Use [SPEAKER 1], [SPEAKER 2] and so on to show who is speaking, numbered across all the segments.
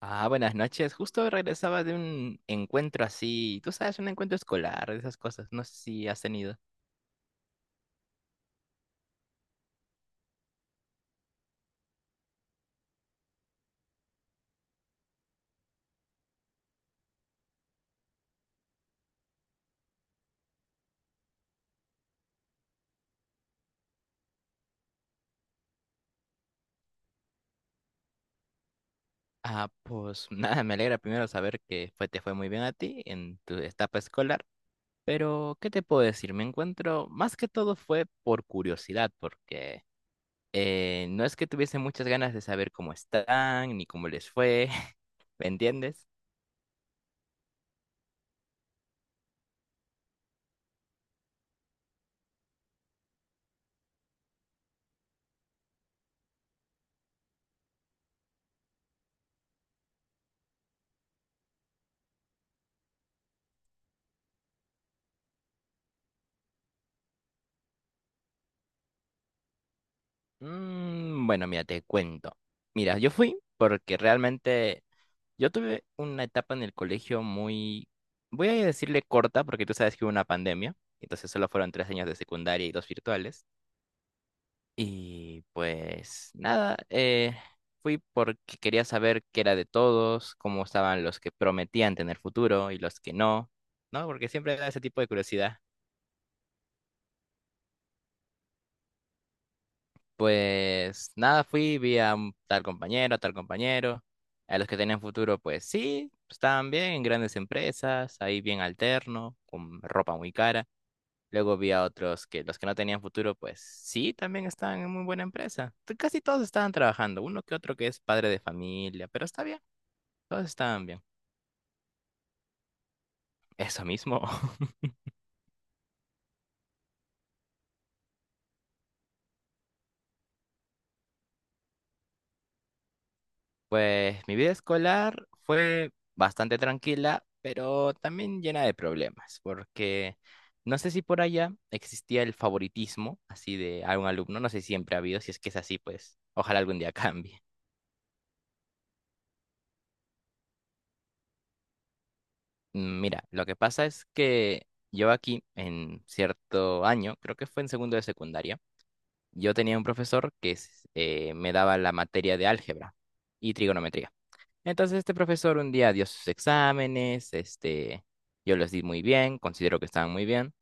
[SPEAKER 1] Ah, buenas noches. Justo regresaba de un encuentro, así tú sabes, un encuentro escolar, esas cosas. No sé si has tenido. Ah, pues nada, me alegra primero saber que fue, te fue muy bien a ti en tu etapa escolar. Pero, ¿qué te puedo decir? Me encuentro, más que todo fue por curiosidad, porque no es que tuviese muchas ganas de saber cómo están, ni cómo les fue, ¿me entiendes? Mm, bueno, mira, te cuento. Mira, yo fui porque realmente yo tuve una etapa en el colegio muy, voy a decirle corta, porque tú sabes que hubo una pandemia, entonces solo fueron tres años de secundaria y dos virtuales. Y pues nada, fui porque quería saber qué era de todos, cómo estaban los que prometían tener futuro y los que no, ¿no? Porque siempre da ese tipo de curiosidad. Pues nada, fui, vi a un tal compañero, a los que tenían futuro, pues sí, estaban bien en grandes empresas, ahí bien alterno, con ropa muy cara. Luego vi a otros que los que no tenían futuro, pues sí, también estaban en muy buena empresa. Casi todos estaban trabajando, uno que otro que es padre de familia, pero está bien, todos estaban bien. Eso mismo. Pues mi vida escolar fue bastante tranquila, pero también llena de problemas, porque no sé si por allá existía el favoritismo así de algún alumno, no sé si siempre ha habido, si es que es así, pues ojalá algún día cambie. Mm, mira, lo que pasa es que yo aquí en cierto año, creo que fue en segundo de secundaria, yo tenía un profesor que me daba la materia de álgebra y trigonometría. Entonces este profesor un día dio sus exámenes, este, yo los di muy bien, considero que estaban muy bien,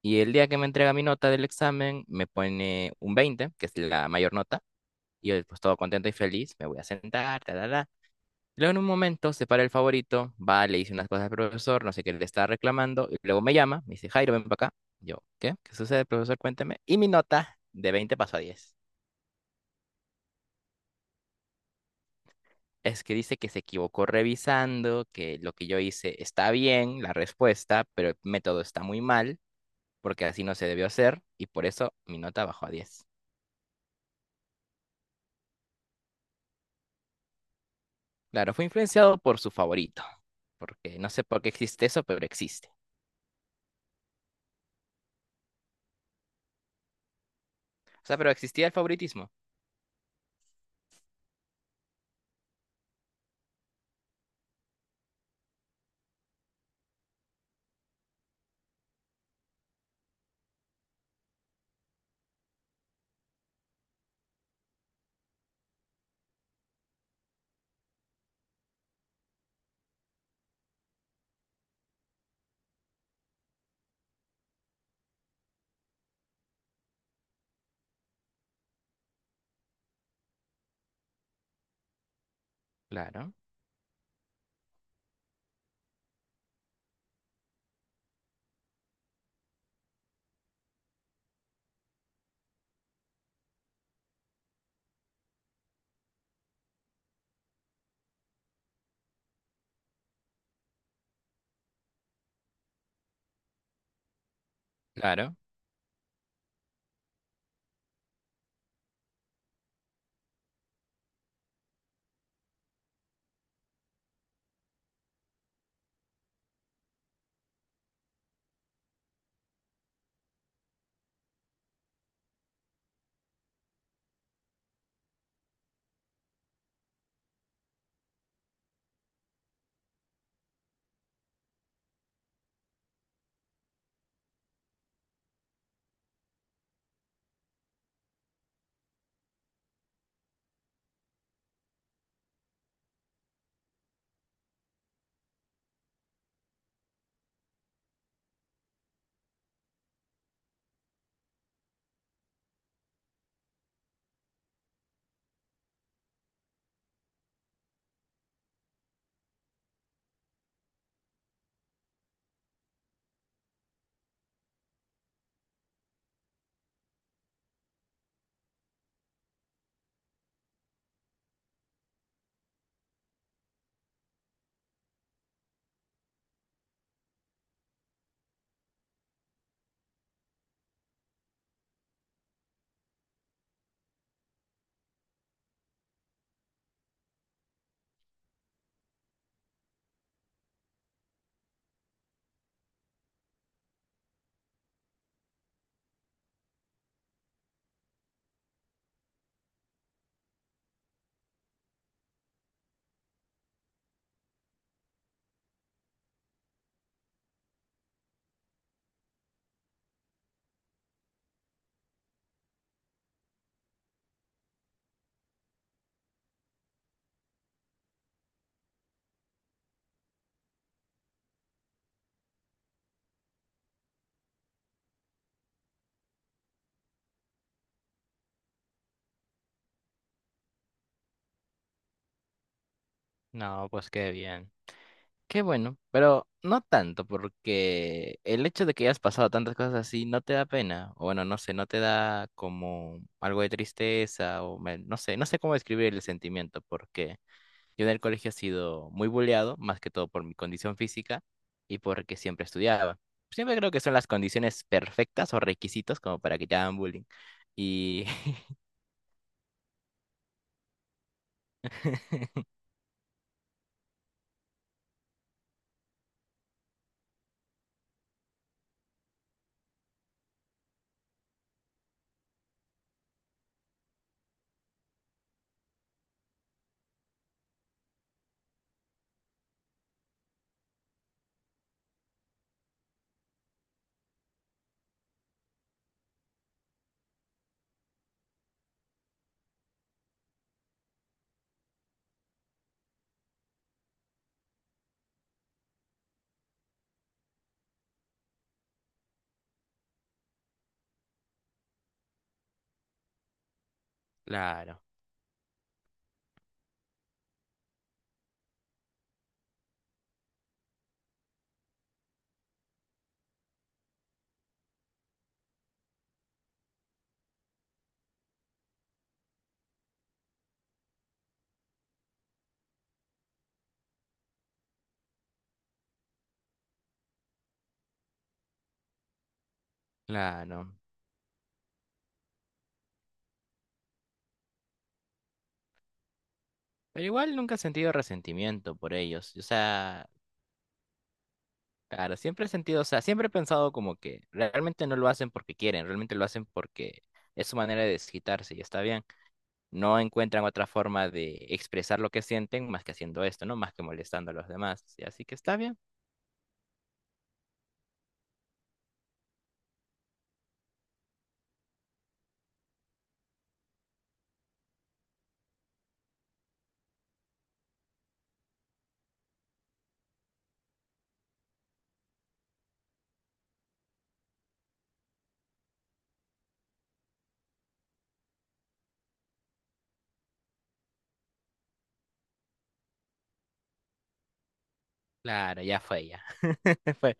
[SPEAKER 1] y el día que me entrega mi nota del examen me pone un 20, que es la mayor nota, y yo pues todo contento y feliz, me voy a sentar, tal. Luego en un momento se para el favorito, va, le dice unas cosas al profesor, no sé qué le está reclamando, y luego me llama, me dice, Jairo, ven para acá. Yo, ¿qué? ¿Qué sucede, profesor? Cuénteme. Y mi nota de veinte pasó a diez. Es que dice que se equivocó revisando, que lo que yo hice está bien, la respuesta, pero el método está muy mal, porque así no se debió hacer, y por eso mi nota bajó a diez. Claro, fue influenciado por su favorito, porque no sé por qué existe eso, pero existe. O sea, pero existía el favoritismo. Claro, claro. No, pues qué bien. Qué bueno, pero no tanto, porque el hecho de que hayas pasado tantas cosas así no te da pena, o bueno, no sé, no te da como algo de tristeza, no sé, no sé cómo describir el sentimiento, porque yo en el colegio he sido muy bulleado, más que todo por mi condición física y porque siempre estudiaba. Siempre creo que son las condiciones perfectas o requisitos como para que te hagan bullying. Y claro, claro. Pero igual nunca he sentido resentimiento por ellos. O sea, claro, siempre he sentido, o sea, siempre he pensado como que realmente no lo hacen porque quieren, realmente lo hacen porque es su manera de desquitarse y está bien. No encuentran otra forma de expresar lo que sienten más que haciendo esto, ¿no? Más que molestando a los demás. Y así que está bien. Claro, ya fue ya. Fue,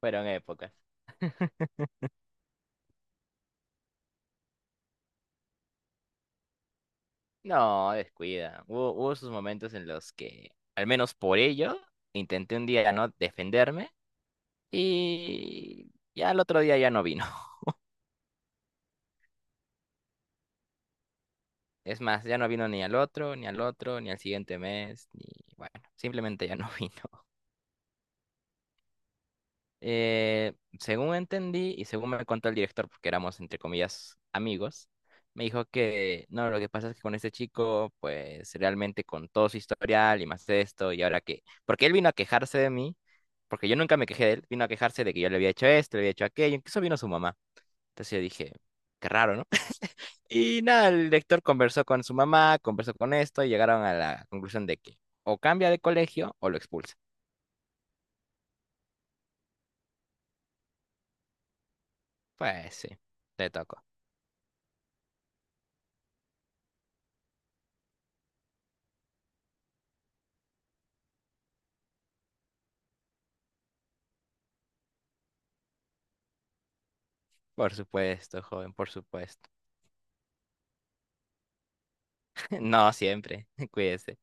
[SPEAKER 1] fueron épocas. No, descuida. Hubo, hubo sus momentos en los que, al menos por ello, intenté un día no defenderme y ya el otro día ya no vino. Es más, ya no vino ni al otro, ni al otro, ni al siguiente mes, ni bueno, simplemente ya no vino. Eh, Según entendí y según me contó el director, porque éramos entre comillas amigos, me dijo que no, lo que pasa es que con este chico, pues realmente con todo su historial y más esto, y ahora que, porque él vino a quejarse de mí, porque yo nunca me quejé de él, vino a quejarse de que yo le había hecho esto, le había hecho aquello, incluso vino su mamá. Entonces yo dije, qué raro, ¿no? Y nada, el lector conversó con su mamá, conversó con esto y llegaron a la conclusión de que o cambia de colegio o lo expulsa. Pues sí, le tocó. Por supuesto, joven, por supuesto. No siempre, cuídese.